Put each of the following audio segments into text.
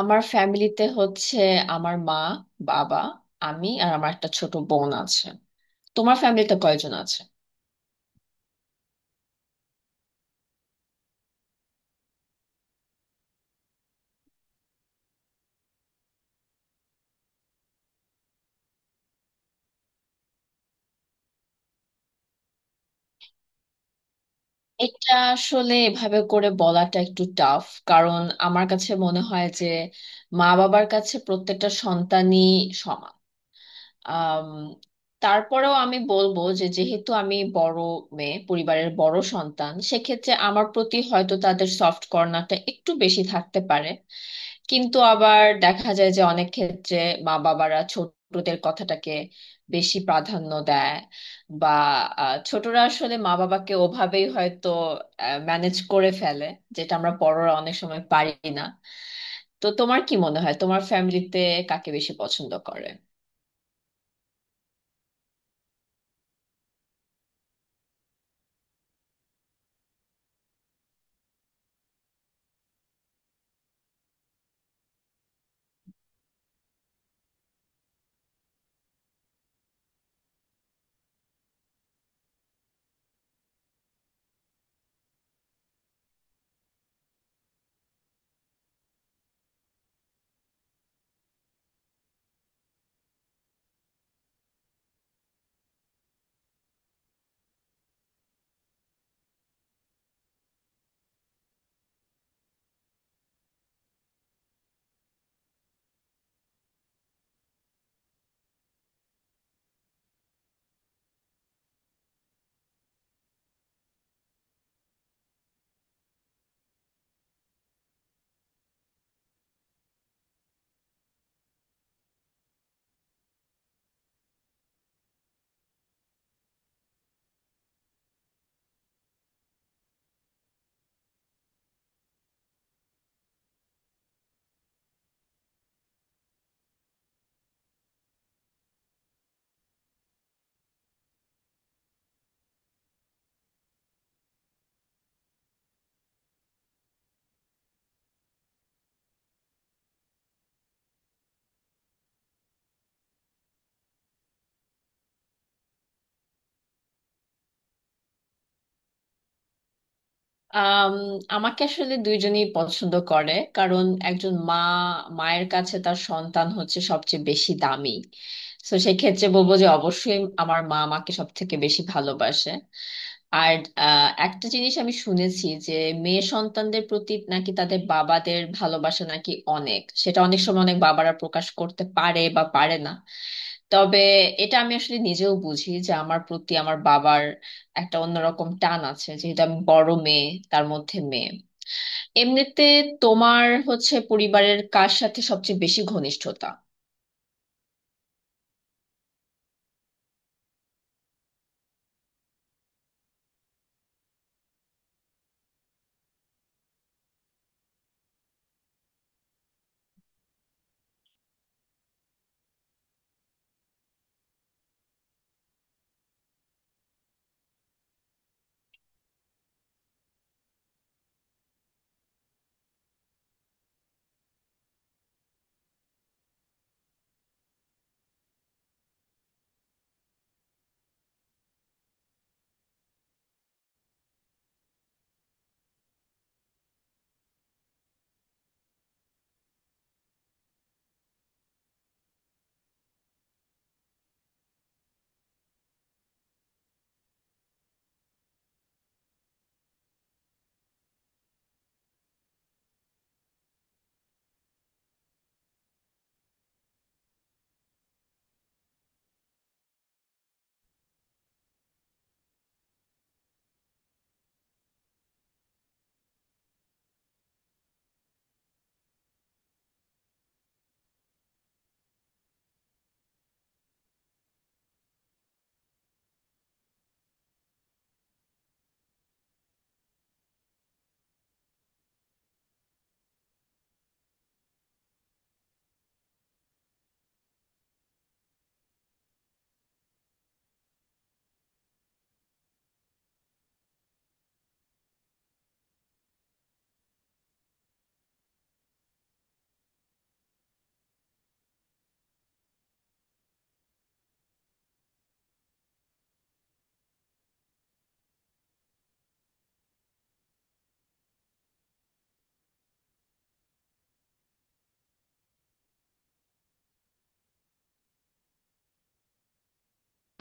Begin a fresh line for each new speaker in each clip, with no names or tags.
আমার ফ্যামিলিতে হচ্ছে আমার মা, বাবা, আমি আর আমার একটা ছোট বোন আছে। তোমার ফ্যামিলিতে কয়জন আছে? এটা আসলে এভাবে করে বলাটা একটু টাফ, কারণ আমার কাছে মনে হয় যে মা বাবার কাছে প্রত্যেকটা সন্তানই সমান। আম, তারপরেও আমি বলবো যে, যেহেতু আমি বড় মেয়ে, পরিবারের বড় সন্তান, সেক্ষেত্রে আমার প্রতি হয়তো তাদের সফট কর্নারটা একটু বেশি থাকতে পারে। কিন্তু আবার দেখা যায় যে অনেক ক্ষেত্রে মা বাবারা ছোটদের কথাটাকে বেশি প্রাধান্য দেয়, বা ছোটরা আসলে মা বাবাকে ওভাবেই হয়তো ম্যানেজ করে ফেলে, যেটা আমরা বড়রা অনেক সময় পারি না। তো তোমার কি মনে হয়, তোমার ফ্যামিলিতে কাকে বেশি পছন্দ করে? আম, আমাকে আসলে দুইজনই পছন্দ করে, কারণ একজন মা, মায়ের কাছে তার সন্তান হচ্ছে সবচেয়ে বেশি দামি। তো সেক্ষেত্রে বলবো যে অবশ্যই আমার মা আমাকে সব থেকে বেশি ভালোবাসে। আর একটা জিনিস আমি শুনেছি যে মেয়ে সন্তানদের প্রতি নাকি তাদের বাবাদের ভালোবাসা নাকি অনেক, সেটা অনেক সময় অনেক বাবারা প্রকাশ করতে পারে বা পারে না। তবে এটা আমি আসলে নিজেও বুঝি যে আমার প্রতি আমার বাবার একটা অন্যরকম টান আছে, যেহেতু আমি বড় মেয়ে, তার মধ্যে মেয়ে। এমনিতে তোমার হচ্ছে পরিবারের কার সাথে সবচেয়ে বেশি ঘনিষ্ঠতা?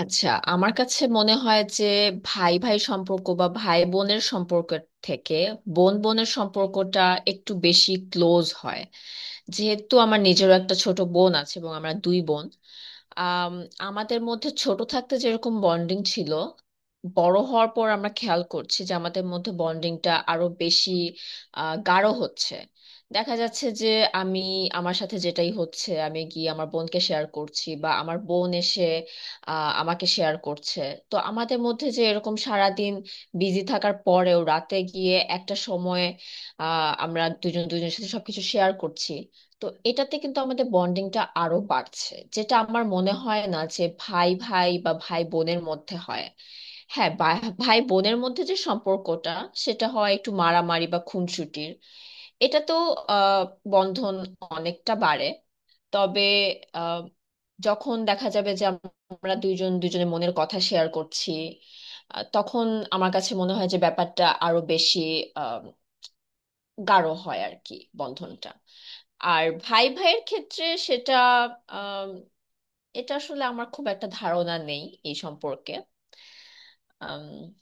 আচ্ছা, আমার কাছে মনে হয় যে ভাই ভাই সম্পর্ক বা ভাই বোনের সম্পর্ক থেকে বোন বোনের সম্পর্কটা একটু বেশি ক্লোজ হয়। যেহেতু আমার নিজেরও একটা ছোট বোন আছে এবং আমরা দুই বোন, আম, আমাদের মধ্যে ছোট থাকতে যেরকম বন্ডিং ছিল, বড় হওয়ার পর আমরা খেয়াল করছি যে আমাদের মধ্যে বন্ডিংটা আরো বেশি গাঢ় হচ্ছে। দেখা যাচ্ছে যে আমি, আমার সাথে যেটাই হচ্ছে আমি গিয়ে আমার বোনকে শেয়ার করছি, বা আমার বোন এসে আমাকে শেয়ার করছে। তো আমাদের মধ্যে যে এরকম সারাদিন বিজি থাকার পরেও রাতে গিয়ে একটা সময়ে আমরা দুজন দুজনের সাথে সবকিছু শেয়ার করছি, তো এটাতে কিন্তু আমাদের বন্ডিংটা আরো বাড়ছে, যেটা আমার মনে হয় না যে ভাই ভাই বা ভাই বোনের মধ্যে হয়। হ্যাঁ, ভাই বোনের মধ্যে যে সম্পর্কটা, সেটা হয় একটু মারামারি বা খুনসুটির। এটা তো আহ বন্ধন অনেকটা বাড়ে। তবে আহ যখন দেখা যাবে যে আমরা দুইজন দুজনের মনের কথা শেয়ার করছি, তখন আমার কাছে মনে হয় যে ব্যাপারটা আরো বেশি আহ গাঢ় হয় আর কি, বন্ধনটা। আর ভাই ভাইয়ের ক্ষেত্রে সেটা আম, এটা আসলে আমার খুব একটা ধারণা নেই এই সম্পর্কে। আম,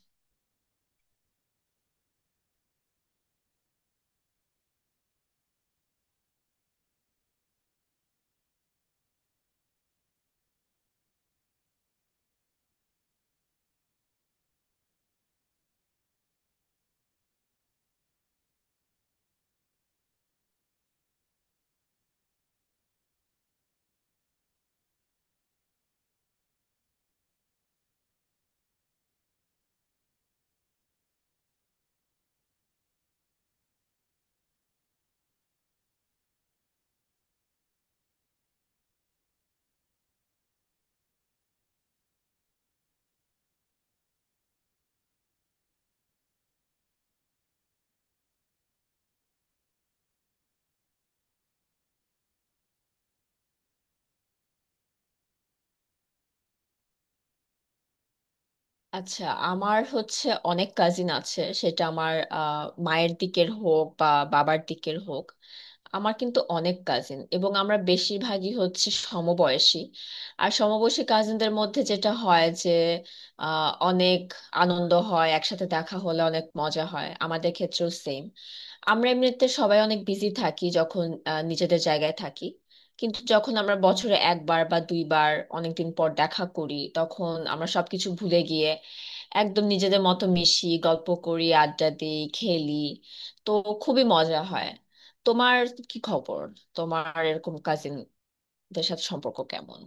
আচ্ছা, আমার হচ্ছে অনেক কাজিন আছে, সেটা আমার মায়ের দিকের হোক বা বাবার দিকের হোক, আমার কিন্তু অনেক কাজিন এবং আমরা বেশিরভাগই হচ্ছে সমবয়সী। আর সমবয়সী কাজিনদের মধ্যে যেটা হয় যে অনেক আনন্দ হয় একসাথে দেখা হলে, অনেক মজা হয়। আমাদের ক্ষেত্রেও সেম, আমরা এমনিতে সবাই অনেক বিজি থাকি যখন নিজেদের জায়গায় থাকি। কিন্তু যখন আমরা বছরে একবার বা দুইবার অনেকদিন পর দেখা করি, তখন আমরা সবকিছু ভুলে গিয়ে একদম নিজেদের মতো মিশি, গল্প করি, আড্ডা দিই, খেলি। তো খুবই মজা হয়। তোমার কি খবর, তোমার এরকম কাজিনদের সাথে সম্পর্ক কেমন?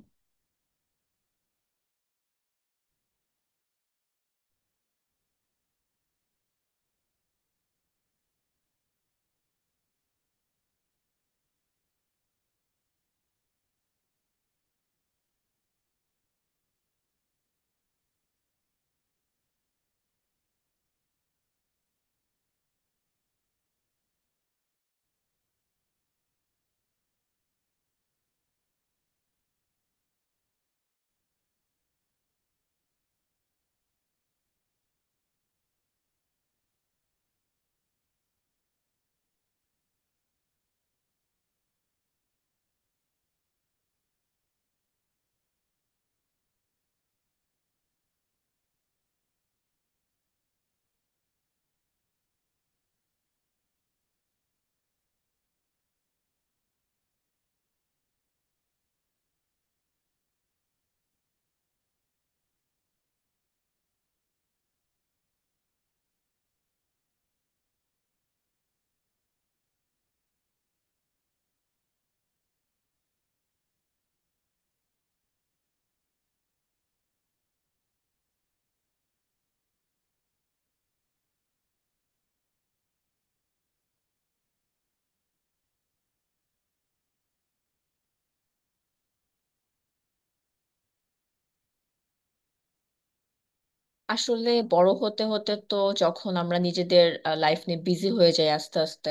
আসলে বড় হতে হতে তো যখন আমরা নিজেদের লাইফ নিয়ে বিজি হয়ে যাই আস্তে আস্তে,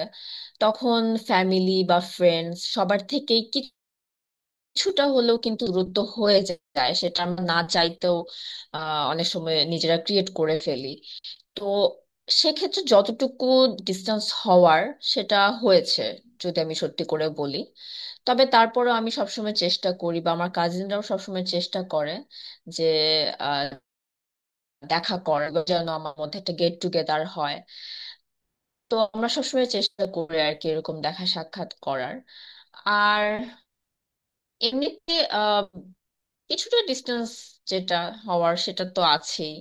তখন ফ্যামিলি বা ফ্রেন্ডস সবার থেকেই কিছুটা হলেও কিন্তু দূরত্ব হয়ে যায়, সেটা আমরা না চাইতেও অনেক সময় নিজেরা ক্রিয়েট করে ফেলি। তো সেক্ষেত্রে যতটুকু ডিস্টেন্স হওয়ার সেটা হয়েছে, যদি আমি সত্যি করে বলি। তবে তারপরেও আমি সবসময় চেষ্টা করি বা আমার কাজিনরাও সবসময় চেষ্টা করে যে আহ, দেখা করার, বা যেন আমার মধ্যে একটা গেট টুগেদার হয়। তো আমরা সবসময় চেষ্টা করি আর কি এরকম দেখা সাক্ষাৎ করার। আর এমনিতে কিছুটা ডিস্টেন্স যেটা হওয়ার সেটা তো আছেই।